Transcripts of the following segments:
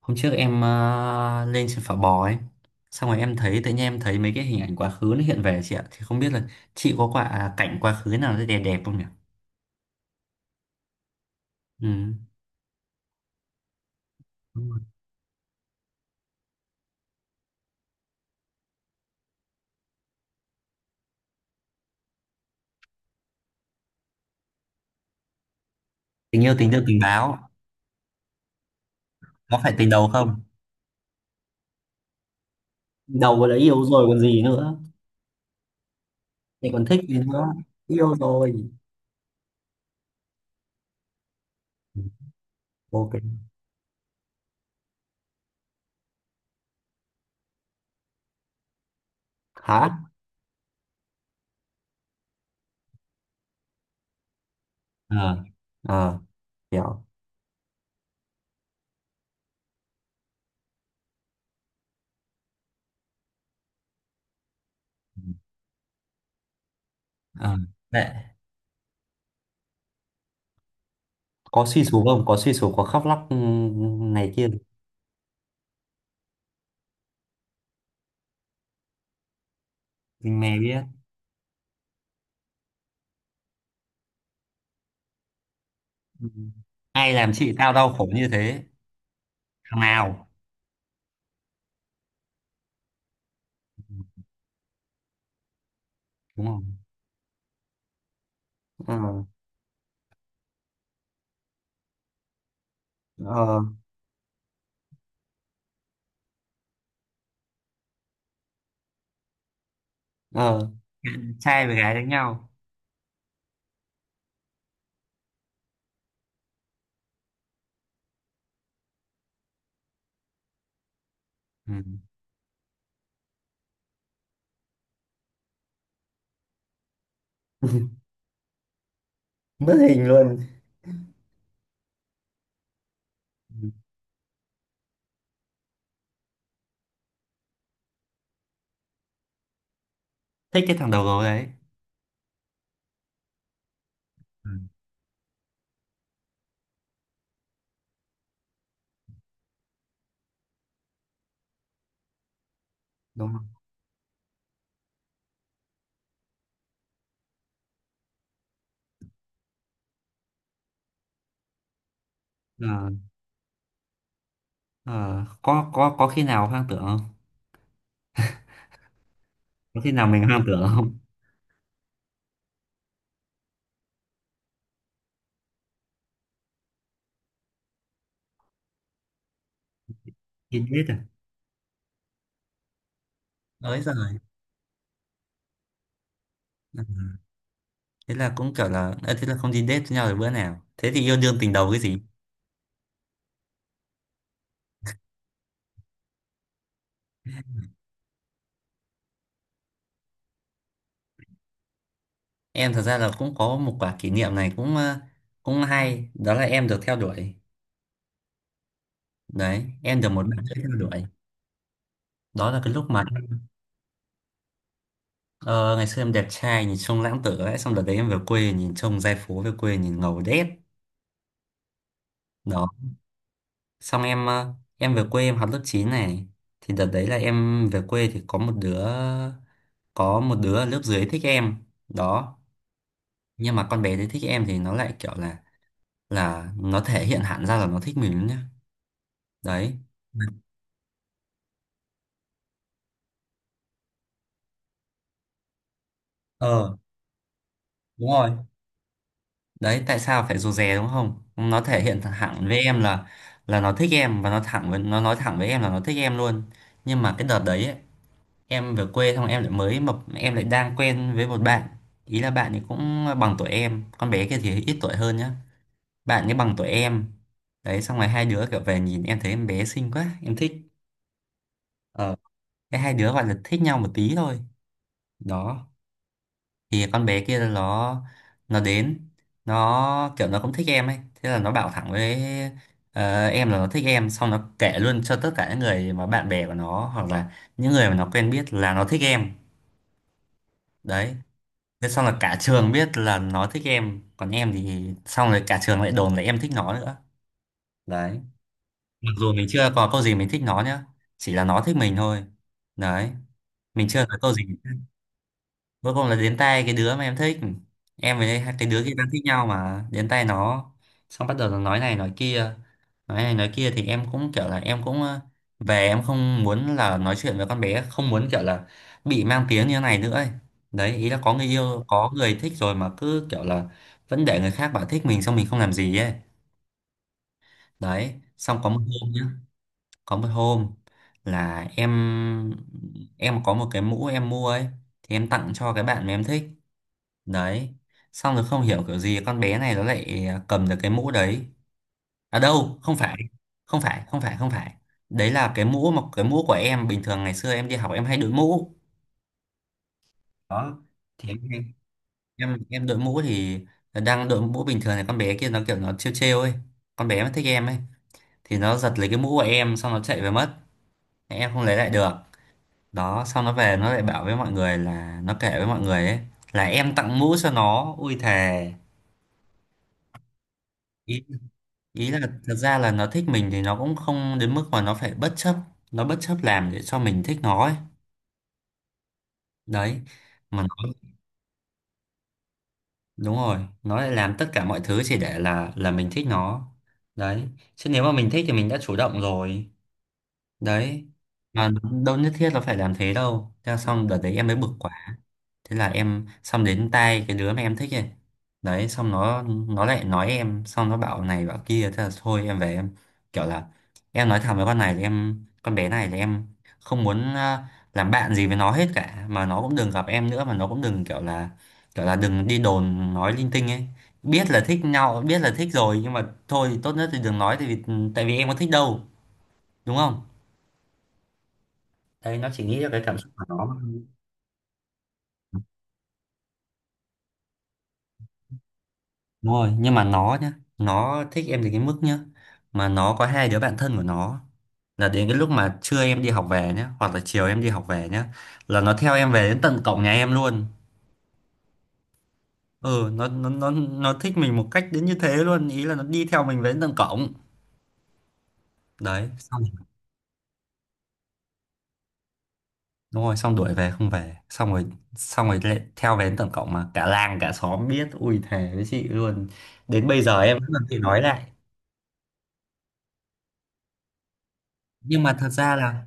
Hôm trước em lên trên phà bò ấy. Xong rồi em thấy tự nhiên em thấy mấy cái hình ảnh quá khứ nó hiện về, chị ạ. Thì không biết là chị có quả cảnh quá khứ nào rất đẹp đẹp không nhỉ? Ừ. Đúng rồi. Tình yêu tình thương tình báo. Có phải tình đầu không? Đầu đã yêu rồi còn gì nữa. Thì còn thích gì nữa. Yêu rồi. Ừ. OK. Hả? Ờ. Ờ. Hiểu. Ừ, Ờ. Đấy. Có suy sụp không? Có suy sụp có khóc lóc, ừ, này kia. Mình mày biết. Ừ. Ai làm chị tao đau khổ như thế? Thằng nào? Đúng không? Ờ. Ờ. Ờ. Trai với gái đánh nhau. Ừ. Mất hình luôn. Ừ. Thích cái thằng đầu gấu đấy. Ừ, đúng không? ờ có khi nào hoang tưởng không? Có khi nào mình hoang tưởng không? Đi date. À ới giời. Ừ. Thế là cũng kiểu là thế là không đi date với nhau được bữa nào, thế thì yêu đương tình đầu cái gì. Em thật ra là cũng có một quả kỷ niệm này cũng cũng hay, đó là em được theo đuổi. Đấy, em được một bạn nữ theo đuổi. Đó là cái lúc mà. Ờ, ngày xưa em đẹp trai nhìn trông lãng tử ấy, xong đợt đấy em về quê nhìn trông giai phố về quê nhìn ngầu đét. Đó, xong em em về quê em học lớp 9 này. Thì đợt đấy là em về quê thì có một đứa. Có một đứa ở lớp dưới thích em đó. Nhưng mà con bé đấy thích em thì nó lại kiểu là nó thể hiện hẳn ra là nó thích mình nhá. Đấy. Ờ. Đúng rồi. Đấy, tại sao phải rụt rè đúng không, nó thể hiện thẳng với em là nó thích em, và nó thẳng với, nó nói thẳng với em là nó thích em luôn. Nhưng mà cái đợt đấy ấy, em về quê xong em lại mới mập, em lại đang quen với một bạn. Ý là bạn ấy cũng bằng tuổi em, con bé kia thì ít tuổi hơn nhá. Bạn ấy bằng tuổi em. Đấy, xong rồi hai đứa kiểu về nhìn em thấy em bé xinh quá em thích. Ờ. Cái hai đứa gọi là thích nhau một tí thôi. Đó. Thì con bé kia nó đến, nó kiểu nó cũng thích em ấy, thế là nó bảo thẳng với, em là nó thích em, xong nó kể luôn cho tất cả những người mà bạn bè của nó hoặc là những người mà nó quen biết là nó thích em. Đấy. Thế xong là cả trường biết là nó thích em, còn em thì xong rồi cả trường lại đồn là em thích nó nữa. Đấy. Mặc dù mình chưa có câu gì mình thích nó nhá. Chỉ là nó thích mình thôi. Đấy. Mình chưa nói câu gì. Cuối cùng là đến tay cái đứa mà em thích. Em với hai cái đứa kia đang thích nhau mà đến tay nó. Xong bắt đầu nó nói này nói kia, nói này nói kia thì em cũng kiểu là em cũng về em không muốn là nói chuyện với con bé, không muốn kiểu là bị mang tiếng như thế này nữa ấy. Đấy, ý là có người yêu có người thích rồi mà cứ kiểu là vẫn để người khác bảo thích mình xong mình không làm gì ấy. Đấy, xong có một hôm nhá, có một hôm là em có một cái mũ em mua ấy, thì em tặng cho cái bạn mà em thích. Đấy, xong rồi không hiểu kiểu gì con bé này nó lại cầm được cái mũ đấy. À đâu, không phải, không phải, không phải, không phải. Đấy là cái mũ mà cái mũ của em bình thường ngày xưa em đi học em hay đội mũ. Đó, thì em hay- em đội mũ thì, đang đội mũ bình thường này, con bé kia nó kiểu nó trêu trêu ấy, con bé mà thích em ấy, thì nó giật lấy cái mũ của em xong nó chạy về mất, em không lấy lại được. Đó, xong nó về nó lại bảo với mọi người là nó kể với mọi người ấy là em tặng mũ cho nó, ui thề. Ý là thật ra là nó thích mình thì nó cũng không đến mức mà nó phải bất chấp, nó bất chấp làm để cho mình thích nó ấy. Đấy, mà nó, đúng rồi nó lại làm tất cả mọi thứ chỉ để là mình thích nó. Đấy, chứ nếu mà mình thích thì mình đã chủ động rồi. Đấy, mà đâu nhất thiết là phải làm thế đâu, thế là xong đợt đấy em mới bực quá. Thế là em xong đến tay cái đứa mà em thích ấy. Đấy, xong nó lại nói em xong nó bảo này bảo kia, thế là thôi em về em kiểu là, em nói thẳng với con này là em, con bé này là em không muốn làm bạn gì với nó hết cả, mà nó cũng đừng gặp em nữa, mà nó cũng đừng kiểu là, kiểu là đừng đi đồn nói linh tinh ấy. Biết là thích nhau biết là thích rồi nhưng mà thôi tốt nhất thì đừng nói, tại vì, tại vì em có thích đâu, đúng không? Đấy, nó chỉ nghĩ ra cái cảm xúc của nó. Đúng rồi, nhưng mà nó nhá, nó thích em đến cái mức nhá, mà nó có hai đứa bạn thân của nó, là đến cái lúc mà trưa em đi học về nhá, hoặc là chiều em đi học về nhá, là nó theo em về đến tận cổng nhà em luôn. Ừ, nó thích mình một cách đến như thế luôn, ý là nó đi theo mình về đến tận cổng. Đấy, xong đúng rồi, xong đuổi về không về, xong rồi lại theo về đến tận cổng mà cả làng cả xóm biết, ui thề với chị luôn. Đến bây giờ em vẫn còn bị nói lại. Nhưng mà thật ra là,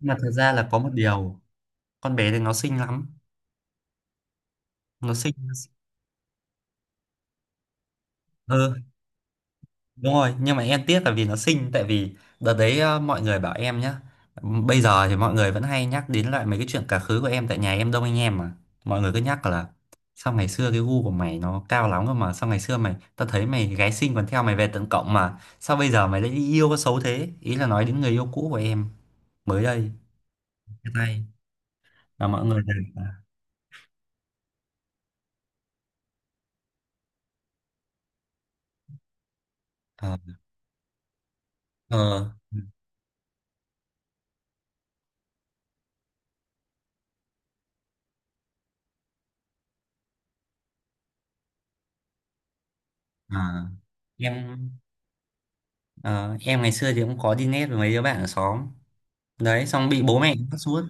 nhưng mà thật ra là có một điều, con bé này nó xinh lắm, nó sinh. Ừ, đúng rồi nhưng mà em tiếc là vì nó sinh, tại vì đợt đấy mọi người bảo em nhá, bây giờ thì mọi người vẫn hay nhắc đến lại mấy cái chuyện quá khứ của em tại nhà em đông anh em mà, mọi người cứ nhắc là sao ngày xưa cái gu của mày nó cao lắm cơ mà, sao ngày xưa mày, tao thấy mày gái xinh còn theo mày về tận cộng mà sao bây giờ mày lại đi yêu có xấu thế, ý là nói đến người yêu cũ của em mới đây chia tay. Mà mọi người đều là, ờ ờ, à, em ờ, em ngày xưa thì cũng có đi nét với mấy đứa bạn ở xóm. Đấy, xong bị bố mẹ bắt suốt,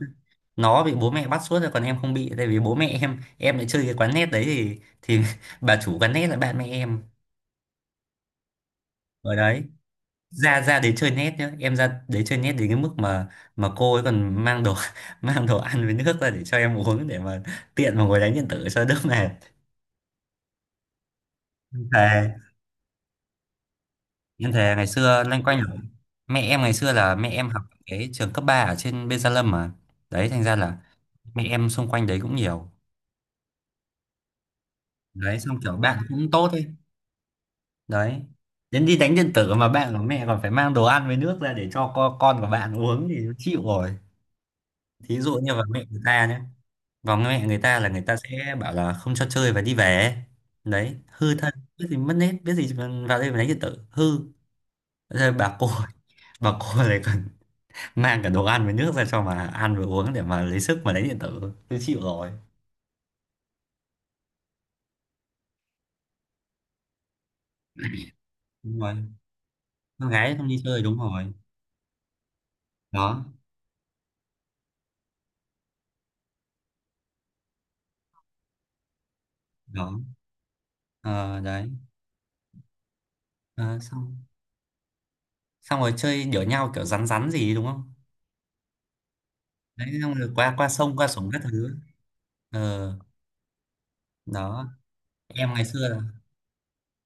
nó bị bố mẹ bắt suốt rồi còn em không bị tại vì bố mẹ em lại chơi cái quán net đấy thì bà chủ quán net là bạn mẹ em. Ở đấy, ra ra đấy chơi net nhá, em ra đấy chơi net đến cái mức mà cô ấy còn mang đồ mang đồ ăn với nước ra để cho em uống để mà tiện mà ngồi đánh điện tử cho đỡ mệt. Em thề, em thề ngày xưa loanh quanh là- mẹ em ngày xưa là mẹ em học cái trường cấp 3 ở trên Bên Gia Lâm mà. Đấy, thành ra là mẹ em xung quanh đấy cũng nhiều. Đấy, xong kiểu bạn cũng tốt ấy. Đấy, đến đi đánh điện tử mà bạn của mẹ còn phải mang đồ ăn với nước ra để cho con của bạn uống thì chịu rồi. Thí dụ như vào mẹ người ta nhé, vào mẹ người ta là người ta sẽ bảo là không cho chơi và đi về. Đấy, hư thân biết gì mất nết biết gì mà vào đây mà đánh điện tử hư. Rồi bà cô bà cô lại còn mang cả đồ ăn với nước ra cho mà ăn và uống để mà lấy sức mà đánh điện tử, tôi chịu rồi. Đúng rồi, con gái không đi chơi đúng rồi. Đó. Đó. Ờ, đấy. Ờ, xong xong rồi chơi đỡ nhau kiểu rắn rắn gì đúng không? Đấy, xong rồi qua qua sông qua sổng các thứ. Ờ. Đó. Em ngày xưa là-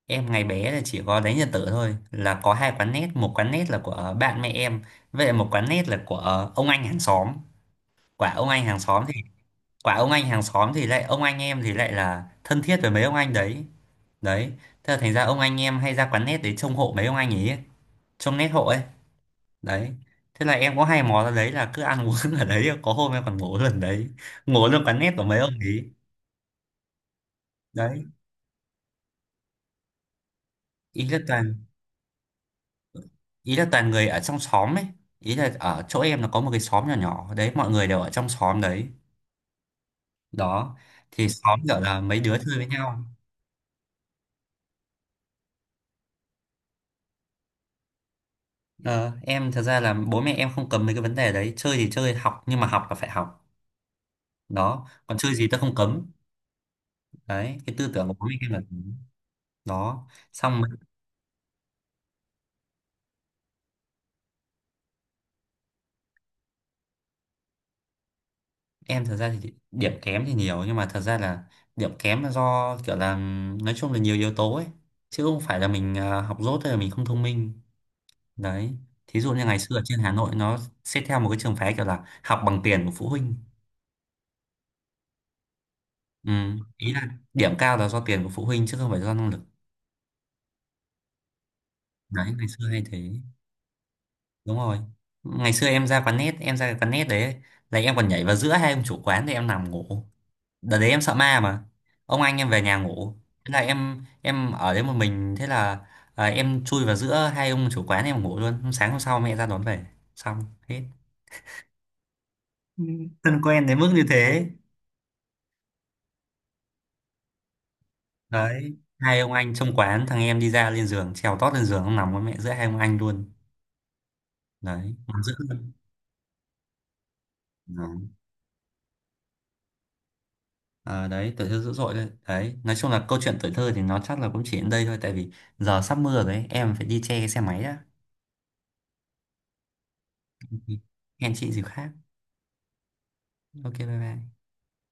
em ngày bé là chỉ có đánh Nhật tử thôi, là có hai quán nét, một quán nét là của bạn mẹ em, vậy một quán nét là của ông anh hàng xóm. quả ông anh hàng xóm thì Quả ông anh hàng xóm thì lại, ông anh em thì lại là thân thiết với mấy ông anh đấy. Đấy, thế là thành ra ông anh em hay ra quán nét để trông hộ mấy ông anh ấy, trông nét hộ ấy. Đấy, thế là em có hay mò ra đấy là cứ ăn uống ở đấy, có hôm em còn ngủ lần đấy, ngủ luôn quán nét của mấy ông ấy. Đấy, ý là toàn ý là toàn người ở trong xóm ấy, ý là ở chỗ em nó có một cái xóm nhỏ nhỏ đấy, mọi người đều ở trong xóm đấy. Đó, thì xóm gọi là mấy đứa chơi với nhau. Ờ, em thật ra là bố mẹ em không cấm mấy cái vấn đề đấy, chơi thì chơi học nhưng mà học là phải học. Đó, còn chơi gì tao không cấm. Đấy, cái tư tưởng của bố mẹ em là thế. Đó, xong rồi em thật ra thì điểm kém thì nhiều nhưng mà thật ra là điểm kém là do kiểu là, nói chung là nhiều yếu tố ấy, chứ không phải là mình học dốt hay là mình không thông minh. Đấy, thí dụ như ngày xưa ở trên Hà Nội nó xét theo một cái trường phái kiểu là học bằng tiền của phụ huynh. Ừ. Ý là điểm cao là do tiền của phụ huynh chứ không phải do năng lực. Đấy, ngày xưa hay thế. Đúng rồi, ngày xưa em ra quán net em ra cái quán net đấy, là em còn nhảy vào giữa hai ông chủ quán để em nằm ngủ. Đợt đấy em sợ ma mà, ông anh em về nhà ngủ, thế là em ở đấy một mình, thế là em chui vào giữa hai ông chủ quán em ngủ luôn, sáng hôm sau mẹ ra đón về. Xong, hết. Ừ, thân quen đến mức như thế. Đấy, hai ông anh trong quán thằng em đi ra lên giường trèo tót lên giường, ông nằm với mẹ giữa hai ông anh luôn. Đấy, nằm dữ luôn. Đó. Ờ, đấy tuổi thơ dữ dội đấy, đấy nói chung là câu chuyện tuổi thơ thì nó chắc là cũng chỉ đến đây thôi, tại vì giờ sắp mưa rồi ấy, em phải đi che cái xe máy đã. Hẹn chị dịp khác. OK, bye bye.